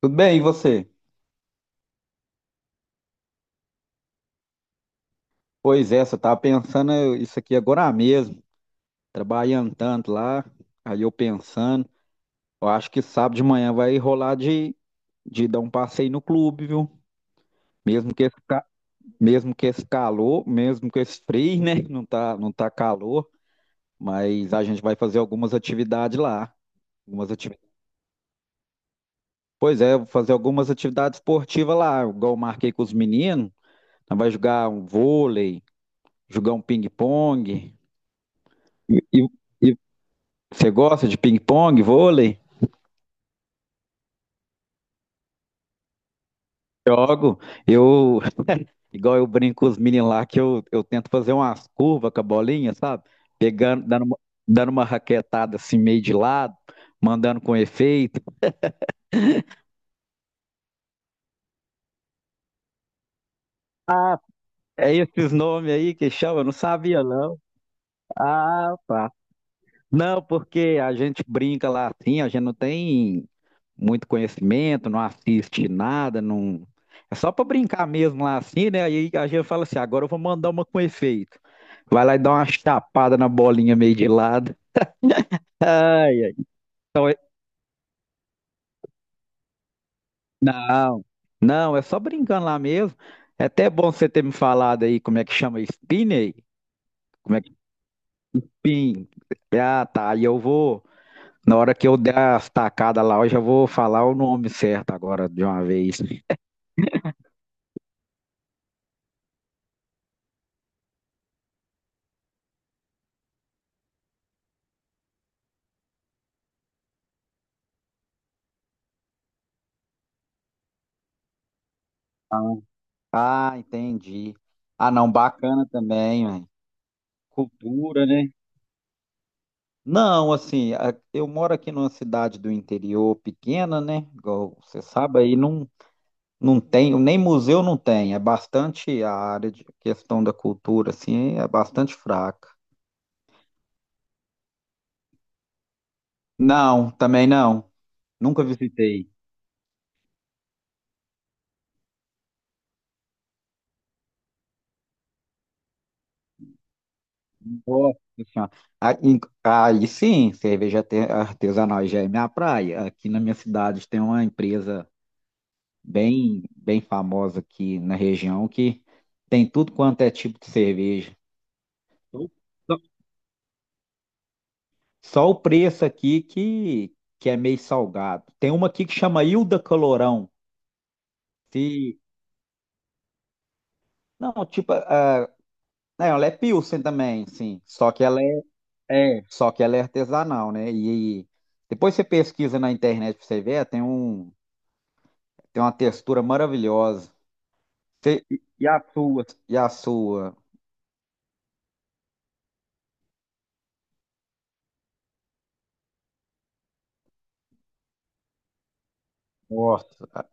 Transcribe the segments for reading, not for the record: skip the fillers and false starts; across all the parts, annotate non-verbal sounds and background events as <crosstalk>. Tudo bem, e você? Pois é, eu estava pensando isso aqui agora mesmo, trabalhando tanto lá, aí eu pensando, eu acho que sábado de manhã vai rolar de dar um passeio no clube, viu? Mesmo que esse, ca- mesmo que esse calor, mesmo que esse frio, né? <laughs> Não tá, não tá calor, mas a gente vai fazer algumas atividades lá. Algumas ativi- Pois é, eu vou fazer algumas atividades esportivas lá, igual eu marquei com os meninos, nós vai jogar um vôlei, jogar um ping-pong. E, e Você gosta de ping-pong, vôlei? Jogo. Eu, igual eu brinco com os meninos lá, que eu tento fazer umas curvas com a bolinha, sabe? Pegando, dando uma raquetada assim, meio de lado, mandando com efeito. É esses nomes aí que chama, eu não sabia não. Ah, tá. Não, porque a gente brinca lá assim, a gente não tem muito conhecimento, não assiste nada, não. É só para brincar mesmo lá assim, né? Aí a gente fala assim, agora eu vou mandar uma com efeito. Vai lá e dá uma chapada na bolinha meio de lado. Ai, ai. Então, não, não, é só brincando lá mesmo. É até bom você ter me falado aí como é que chama spin aí. Como é que spin? Ah, tá. Aí eu vou, na hora que eu der as tacadas lá, eu já vou falar o nome certo agora de uma vez. Ah, entendi. Ah, não, bacana também, velho. Cultura, né? Não, assim, eu moro aqui numa cidade do interior pequena, né? Igual você sabe, aí não, não tem, nem museu não tem. É bastante a área de questão da cultura, assim, é bastante fraca. Não, também não. Nunca visitei. Nossa Senhora. Ah, Aí sim, cerveja artesanal já é minha praia. Aqui na minha cidade tem uma empresa, bem, bem famosa aqui na região, que tem tudo quanto é tipo de cerveja. Só só só o preço aqui que é meio salgado. Tem uma aqui que chama Ilda Calorão. Se, não, tipo, não, ela é Pilsen também, sim. Só que ela é artesanal, né? E depois você pesquisa na internet pra você ver, tem uma textura maravilhosa. Você- e a sua? E a sua? Nossa,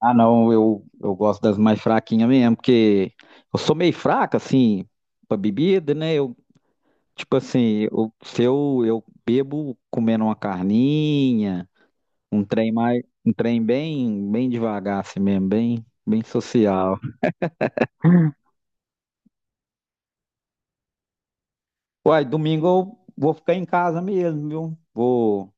Ah, não, eu gosto das mais fraquinhas mesmo, porque eu sou meio fraca, assim, pra bebida, né? Tipo assim, se eu bebo comendo uma carninha, um trem bem, bem devagar, assim mesmo, bem, bem social. Uai, domingo eu vou ficar em casa mesmo, viu? Vou.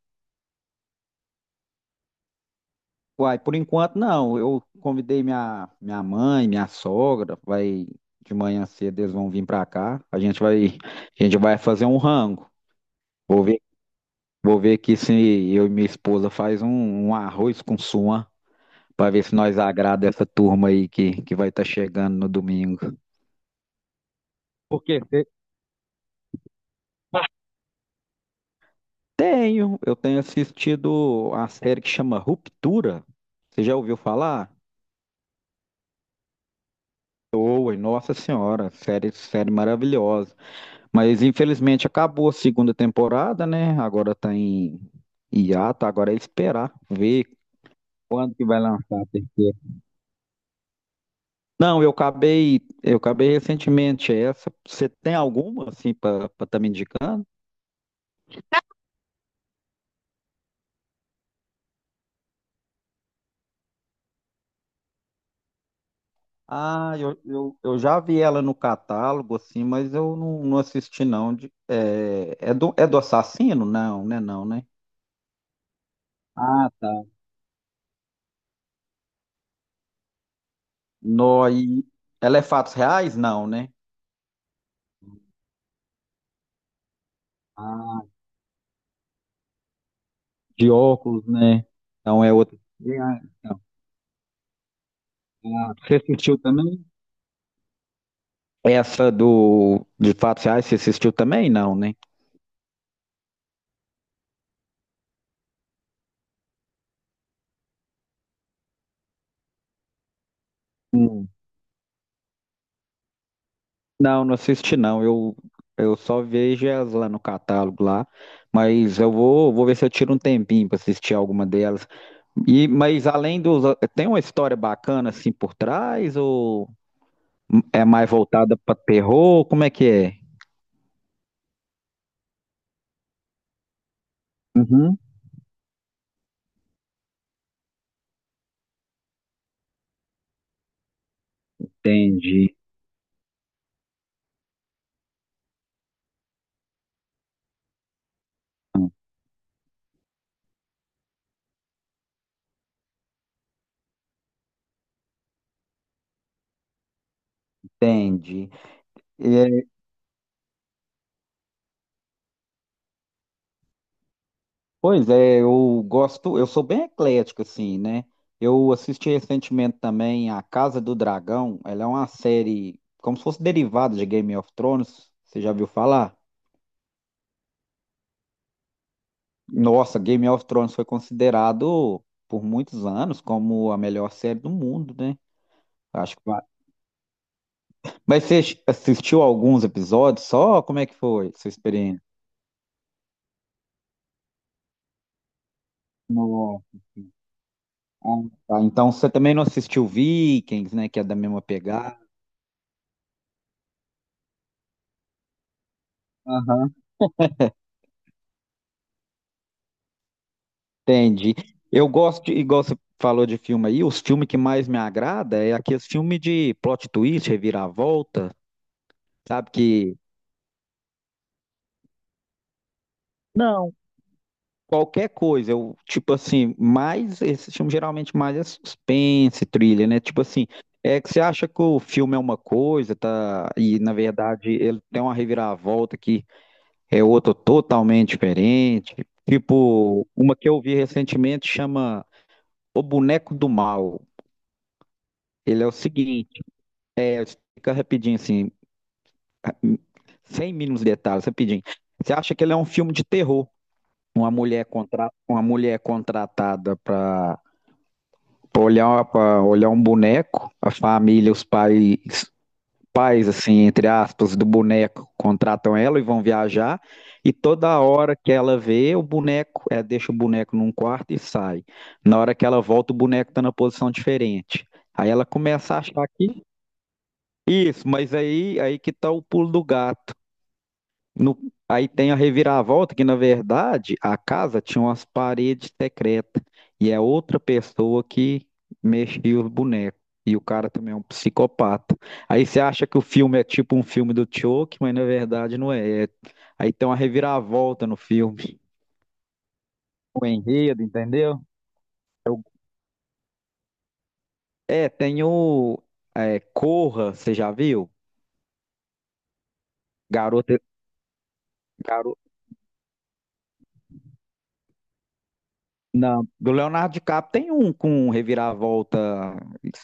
Uai, por enquanto não. Eu convidei minha mãe, minha sogra, vai de manhã cedo, eles vão vir pra cá. A gente vai fazer um rango. Vou ver Vou ver aqui se eu e minha esposa faz um arroz com suã para ver se nós agrada essa turma aí que vai estar chegando no domingo. Por quê? Eu tenho assistido a série que chama Ruptura. Você já ouviu falar? Oi, nossa senhora, série maravilhosa. Mas infelizmente acabou a segunda temporada, né? Agora tá em hiato, agora é esperar ver quando que vai lançar a terceira. Não, eu acabei recentemente essa. Você tem alguma assim para estar me indicando? Ah, eu já vi ela no catálogo, assim, mas eu não assisti, não. É do assassino? Não, né? Não, né? Ah, tá. No, e ela é fatos reais? Não, né? Ah, de óculos, né? Então é outra. Ah, então. Ah, você assistiu também? Essa do de fatos reais você assistiu também? Não, né? Não, não assisti não. Eu só vejo elas lá no catálogo lá, mas eu vou ver se eu tiro um tempinho para assistir alguma delas. Mas além dos, tem uma história bacana assim por trás ou é mais voltada para terror? Como é que é? Uhum. Entendi, entendi. Pois é, eu sou bem eclético, assim, né? Eu assisti recentemente também A Casa do Dragão, ela é uma série como se fosse derivada de Game of Thrones, você já viu falar? Nossa, Game of Thrones foi considerado por muitos anos como a melhor série do mundo, né? Acho que vai. Mas você assistiu alguns episódios só? Como é que foi sua experiência? Nossa. Ah, tá. Então você também não assistiu Vikings, né? Que é da mesma pegada. Aham. Entendi. Eu gosto, igual você falou de filme aí, os filmes que mais me agrada é aqueles filmes de plot twist, reviravolta, sabe? Que não, qualquer coisa, tipo assim, mais, esse filme geralmente mais é suspense, trilha, né? Tipo assim, é que você acha que o filme é uma coisa, tá? E na verdade ele tem uma reviravolta que é outro totalmente diferente. Tipo, uma que eu vi recentemente chama O Boneco do Mal. Ele é o seguinte. Fica rapidinho, assim, sem mínimos detalhes, rapidinho. Você acha que ele é um filme de terror? Uma mulher contratada para pra olhar um boneco, a família, os pais, assim, entre aspas, do boneco contratam ela e vão viajar, e toda hora que ela vê o boneco, deixa o boneco num quarto e sai. Na hora que ela volta, o boneco está na posição diferente. Aí ela começa a achar que. Isso, mas aí que tá o pulo do gato. No- aí tem a reviravolta, que na verdade a casa tinha umas paredes secretas. E é outra pessoa que mexia os bonecos. E o cara também é um psicopata. Aí você acha que o filme é tipo um filme do Chuck, mas na verdade não é. Aí tem uma reviravolta no filme. O enredo, entendeu? Eu- É, tem o Corra, você já viu? Garota, Não, do Leonardo DiCaprio tem um com reviravolta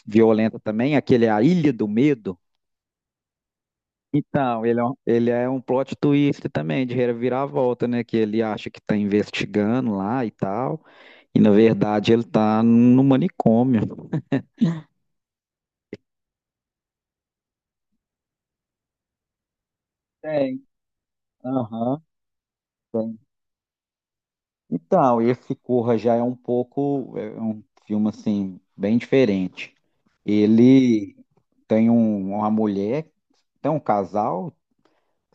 violenta também, aquele é A Ilha do Medo. Então, ele é um plot twist também, de reviravolta, né? Que ele acha que tá investigando lá e tal, e na verdade ele tá no manicômio. Tem, aham, tem. Então, esse Corra já é um filme assim, bem diferente. Ele tem uma mulher, tem um casal,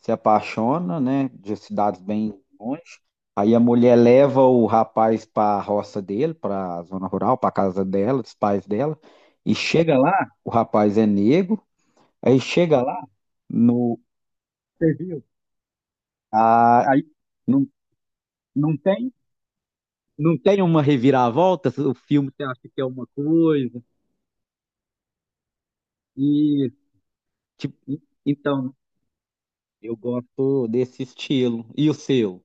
se apaixona, né, de cidades bem longe. Aí a mulher leva o rapaz para a roça dele, para a zona rural, para a casa dela, dos pais dela, e chega lá, o rapaz é negro, aí chega lá no Você viu? Ah, aí não, não tem não tem uma reviravolta, o filme você acha que é uma coisa e tipo, então eu gosto desse estilo. E o seu?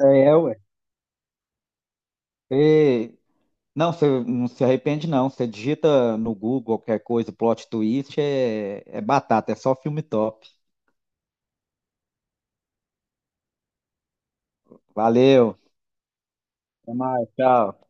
É, ué. É, Não, você não se arrepende, não. Você digita no Google qualquer coisa, plot twist, é batata, é só filme top. Valeu, até mais, tchau.